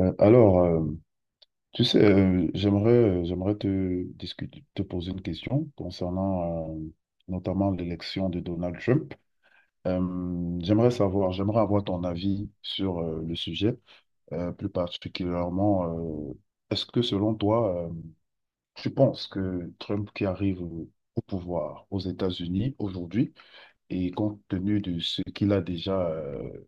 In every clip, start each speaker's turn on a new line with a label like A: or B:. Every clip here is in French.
A: Euh, Alors, euh, j'aimerais te discuter, te poser une question concernant notamment l'élection de Donald Trump. J'aimerais savoir, j'aimerais avoir ton avis sur le sujet. Plus particulièrement, est-ce que selon toi, tu penses que Trump qui arrive au pouvoir aux États-Unis aujourd'hui et compte tenu de ce qu'il a déjà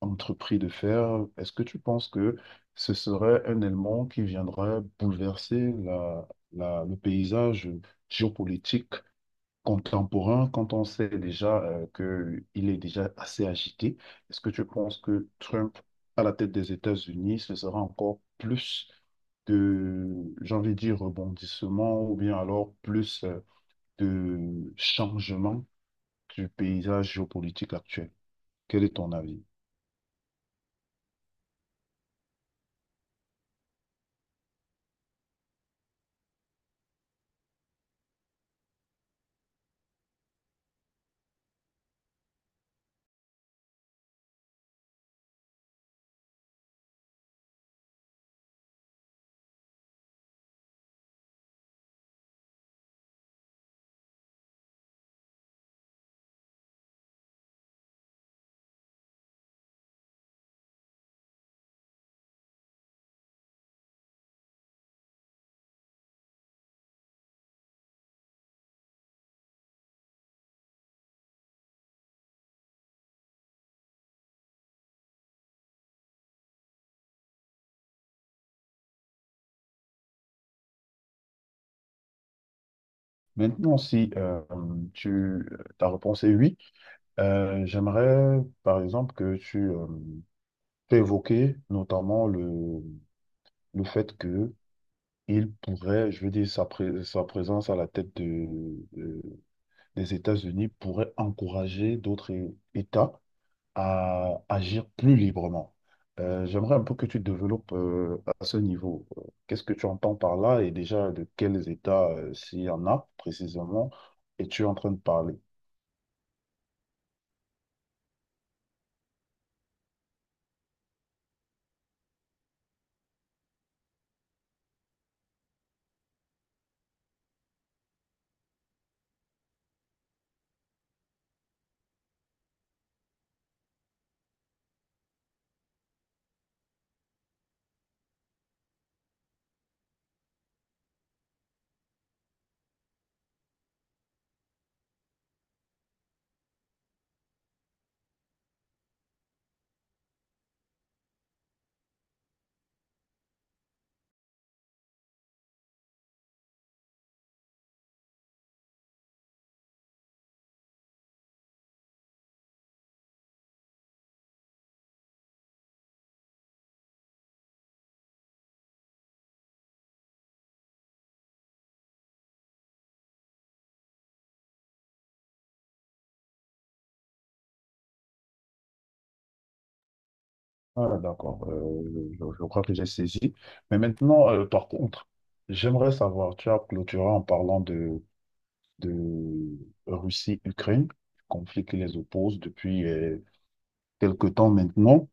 A: entrepris de faire, est-ce que tu penses que ce serait un élément qui viendrait bouleverser le paysage géopolitique contemporain quand on sait déjà qu'il est déjà assez agité? Est-ce que tu penses que Trump, à la tête des États-Unis, ce sera encore plus de, j'ai envie de dire, rebondissement ou bien alors plus de changement du paysage géopolitique actuel? Quel est ton avis? Maintenant, si tu, euh, ta réponse est oui, j'aimerais par exemple que tu t'aies évoqué notamment le fait que il pourrait, je veux dire, sa présence à la tête de- des États-Unis pourrait encourager d'autres États à agir plus librement. J'aimerais un peu que tu développes à ce niveau. Qu'est-ce que tu entends par là et déjà de quels États, s'il y en a précisément, es-tu en train de parler? Ah, d'accord. Je crois que j'ai saisi. Mais maintenant, par contre, j'aimerais savoir, tu as clôturé en parlant de Russie-Ukraine, conflit qui les oppose depuis quelque temps maintenant.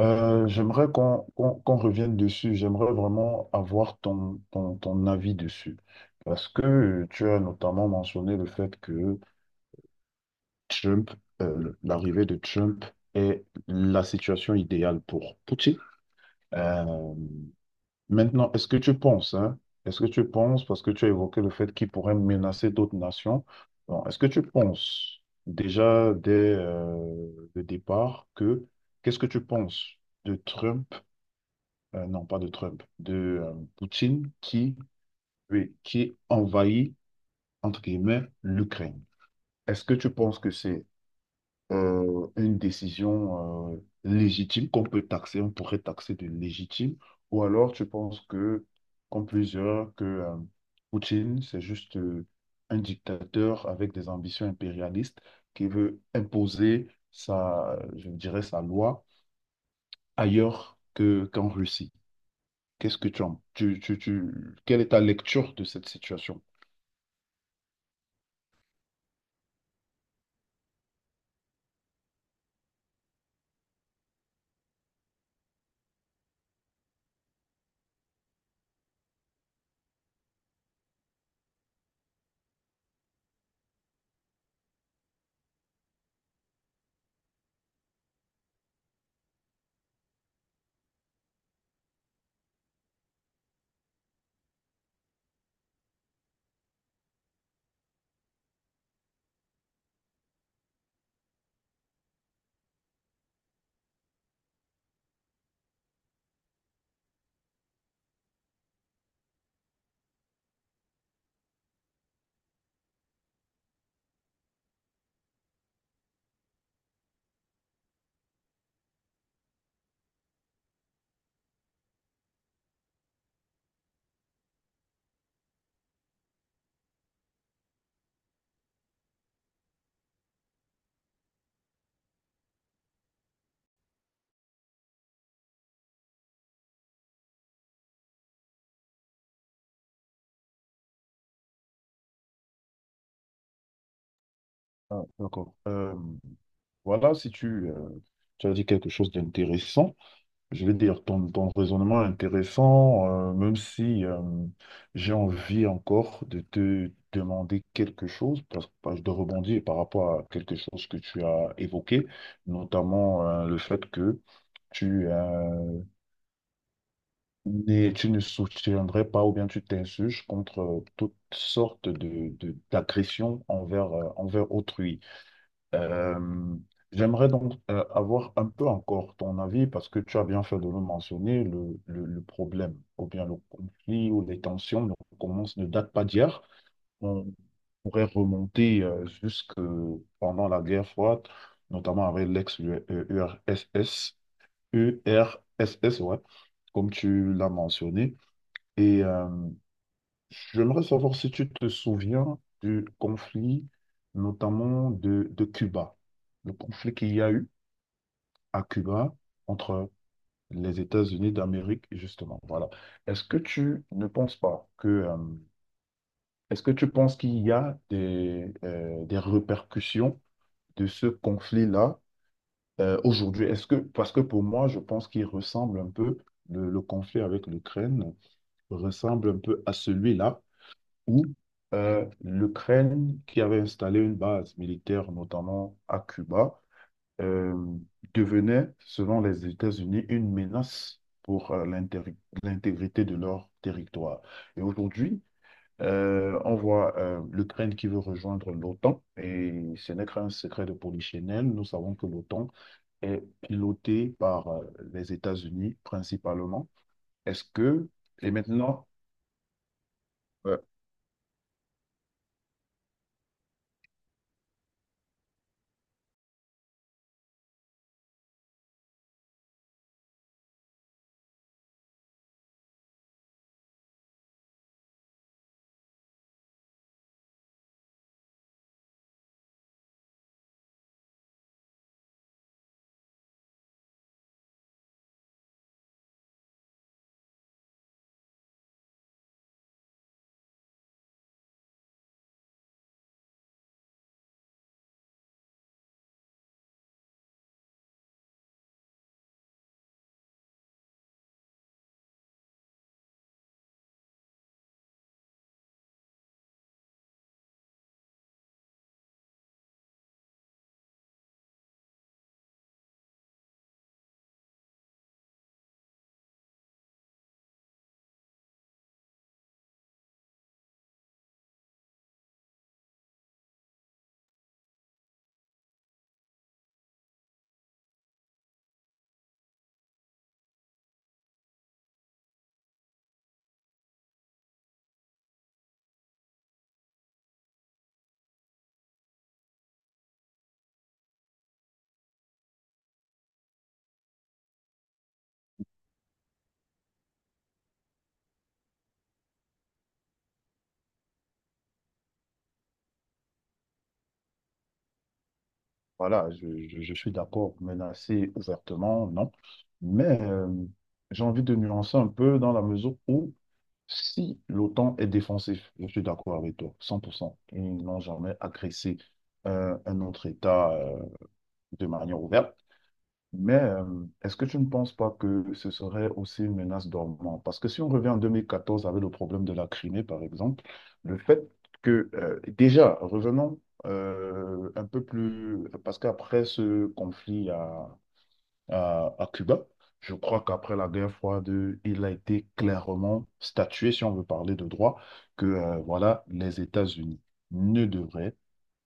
A: J'aimerais qu'on revienne dessus. J'aimerais vraiment avoir ton avis dessus. Parce que tu as notamment mentionné le fait que Trump, l'arrivée de Trump est la situation idéale pour Poutine. Euh, Maintenant, est-ce que tu penses, hein, est-ce que tu penses, parce que tu as évoqué le fait qu'il pourrait menacer d'autres nations, bon, est-ce que tu penses déjà dès le départ que, qu'est-ce que tu penses de Trump, non pas de Trump, de Poutine qui, oui, qui envahit, entre guillemets, l'Ukraine? Est-ce que tu penses que c'est une décision légitime qu'on peut taxer, on pourrait taxer de légitime, ou alors tu penses que, comme plusieurs, que Poutine, c'est juste un dictateur avec des ambitions impérialistes qui veut imposer sa, je dirais, sa loi ailleurs qu'en Russie. Qu'est-ce que tu en, quelle est ta lecture de cette situation? Ah, d'accord. Voilà, si tu, tu as dit quelque chose d'intéressant. Je vais dire, ton raisonnement est intéressant, même si j'ai envie encore de te demander quelque chose, parce que de rebondir par rapport à quelque chose que tu as évoqué, notamment le fait que tu, euh, tu ne soutiendrais pas ou bien tu t'insurges contre toutes sortes d'agressions envers, envers autrui. Euh, j'aimerais donc avoir un peu encore ton avis parce que tu as bien fait de le mentionner, le problème ou bien le conflit ou les tensions ne commencent, ne datent pas d'hier. On pourrait remonter jusque pendant la guerre froide, notamment avec l'ex-URSS, URSS, ouais, comme tu l'as mentionné. Et j'aimerais savoir si tu te souviens du conflit, notamment de Cuba, le conflit qu'il y a eu à Cuba entre les États-Unis d'Amérique, justement. Voilà. Est-ce que tu ne penses pas que, est-ce que tu penses qu'il y a des répercussions de ce conflit-là aujourd'hui? Est-ce que, parce que pour moi, je pense qu'il ressemble un peu, le conflit avec l'Ukraine ressemble un peu à celui-là ou l'Ukraine, qui avait installé une base militaire notamment à Cuba, euh, devenait, selon les États-Unis, une menace pour l'intégrité de leur territoire. Et aujourd'hui, on voit l'Ukraine qui veut rejoindre l'OTAN, et ce n'est qu'un secret de polichinelle. Nous savons que l'OTAN est pilotée par les États-Unis principalement. Est-ce que, et maintenant, euh, voilà, je suis d'accord, menacer ouvertement, non. Mais j'ai envie de nuancer un peu dans la mesure où, si l'OTAN est défensif, je suis d'accord avec toi, 100%. Ils n'ont jamais agressé un autre État de manière ouverte. Mais est-ce que tu ne penses pas que ce serait aussi une menace dormante? Parce que si on revient en 2014 avec le problème de la Crimée, par exemple, le fait que, déjà, revenons un peu plus, parce qu'après ce conflit à Cuba, je crois qu'après la guerre froide, il a été clairement statué, si on veut parler de droit, que voilà, les États-Unis ne devraient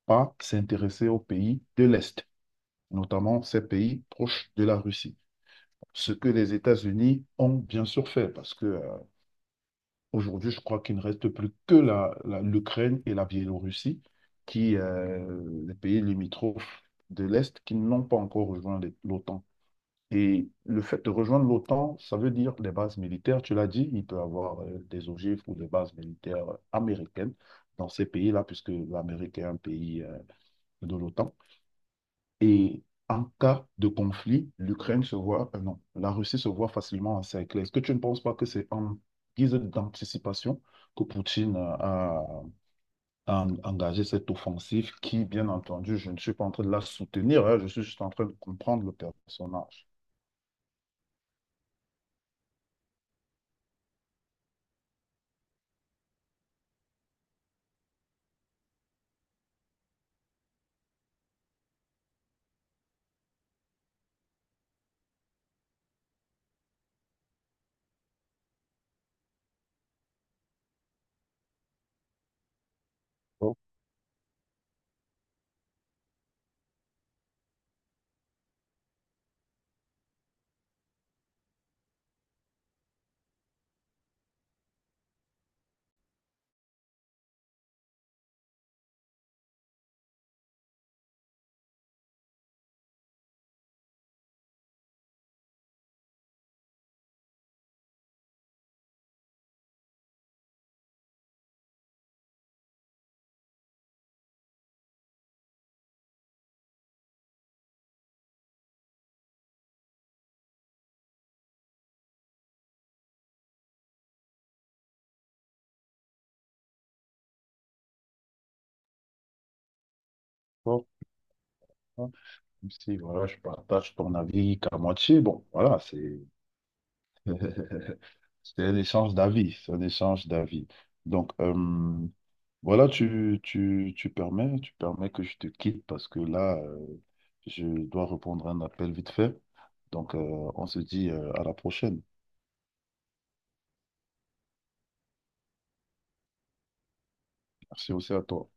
A: pas s'intéresser aux pays de l'Est, notamment ces pays proches de la Russie, ce que les États-Unis ont bien sûr fait, parce que aujourd'hui, je crois qu'il ne reste plus que l'Ukraine et la Biélorussie, qui, les pays limitrophes de l'Est, qui n'ont pas encore rejoint l'OTAN. Et le fait de rejoindre l'OTAN, ça veut dire des bases militaires, tu l'as dit, il peut y avoir des ogives ou des bases militaires américaines dans ces pays-là, puisque l'Amérique est un pays de l'OTAN. Et en cas de conflit, l'Ukraine se voit, non, la Russie se voit facilement encerclée. Est-ce que tu ne penses pas que c'est en guise d'anticipation que Poutine a engagé cette offensive qui, bien entendu, je ne suis pas en train de la soutenir, hein, je suis juste en train de comprendre le personnage. Oh, oh, oh. Même si voilà, je partage ton avis qu'à moitié, bon, voilà, c'est... C'est un échange d'avis, c'est un échange d'avis. Donc, voilà, tu permets que je te quitte parce que là, je dois répondre à un appel vite fait. Donc, on se dit à la prochaine. Merci aussi à toi.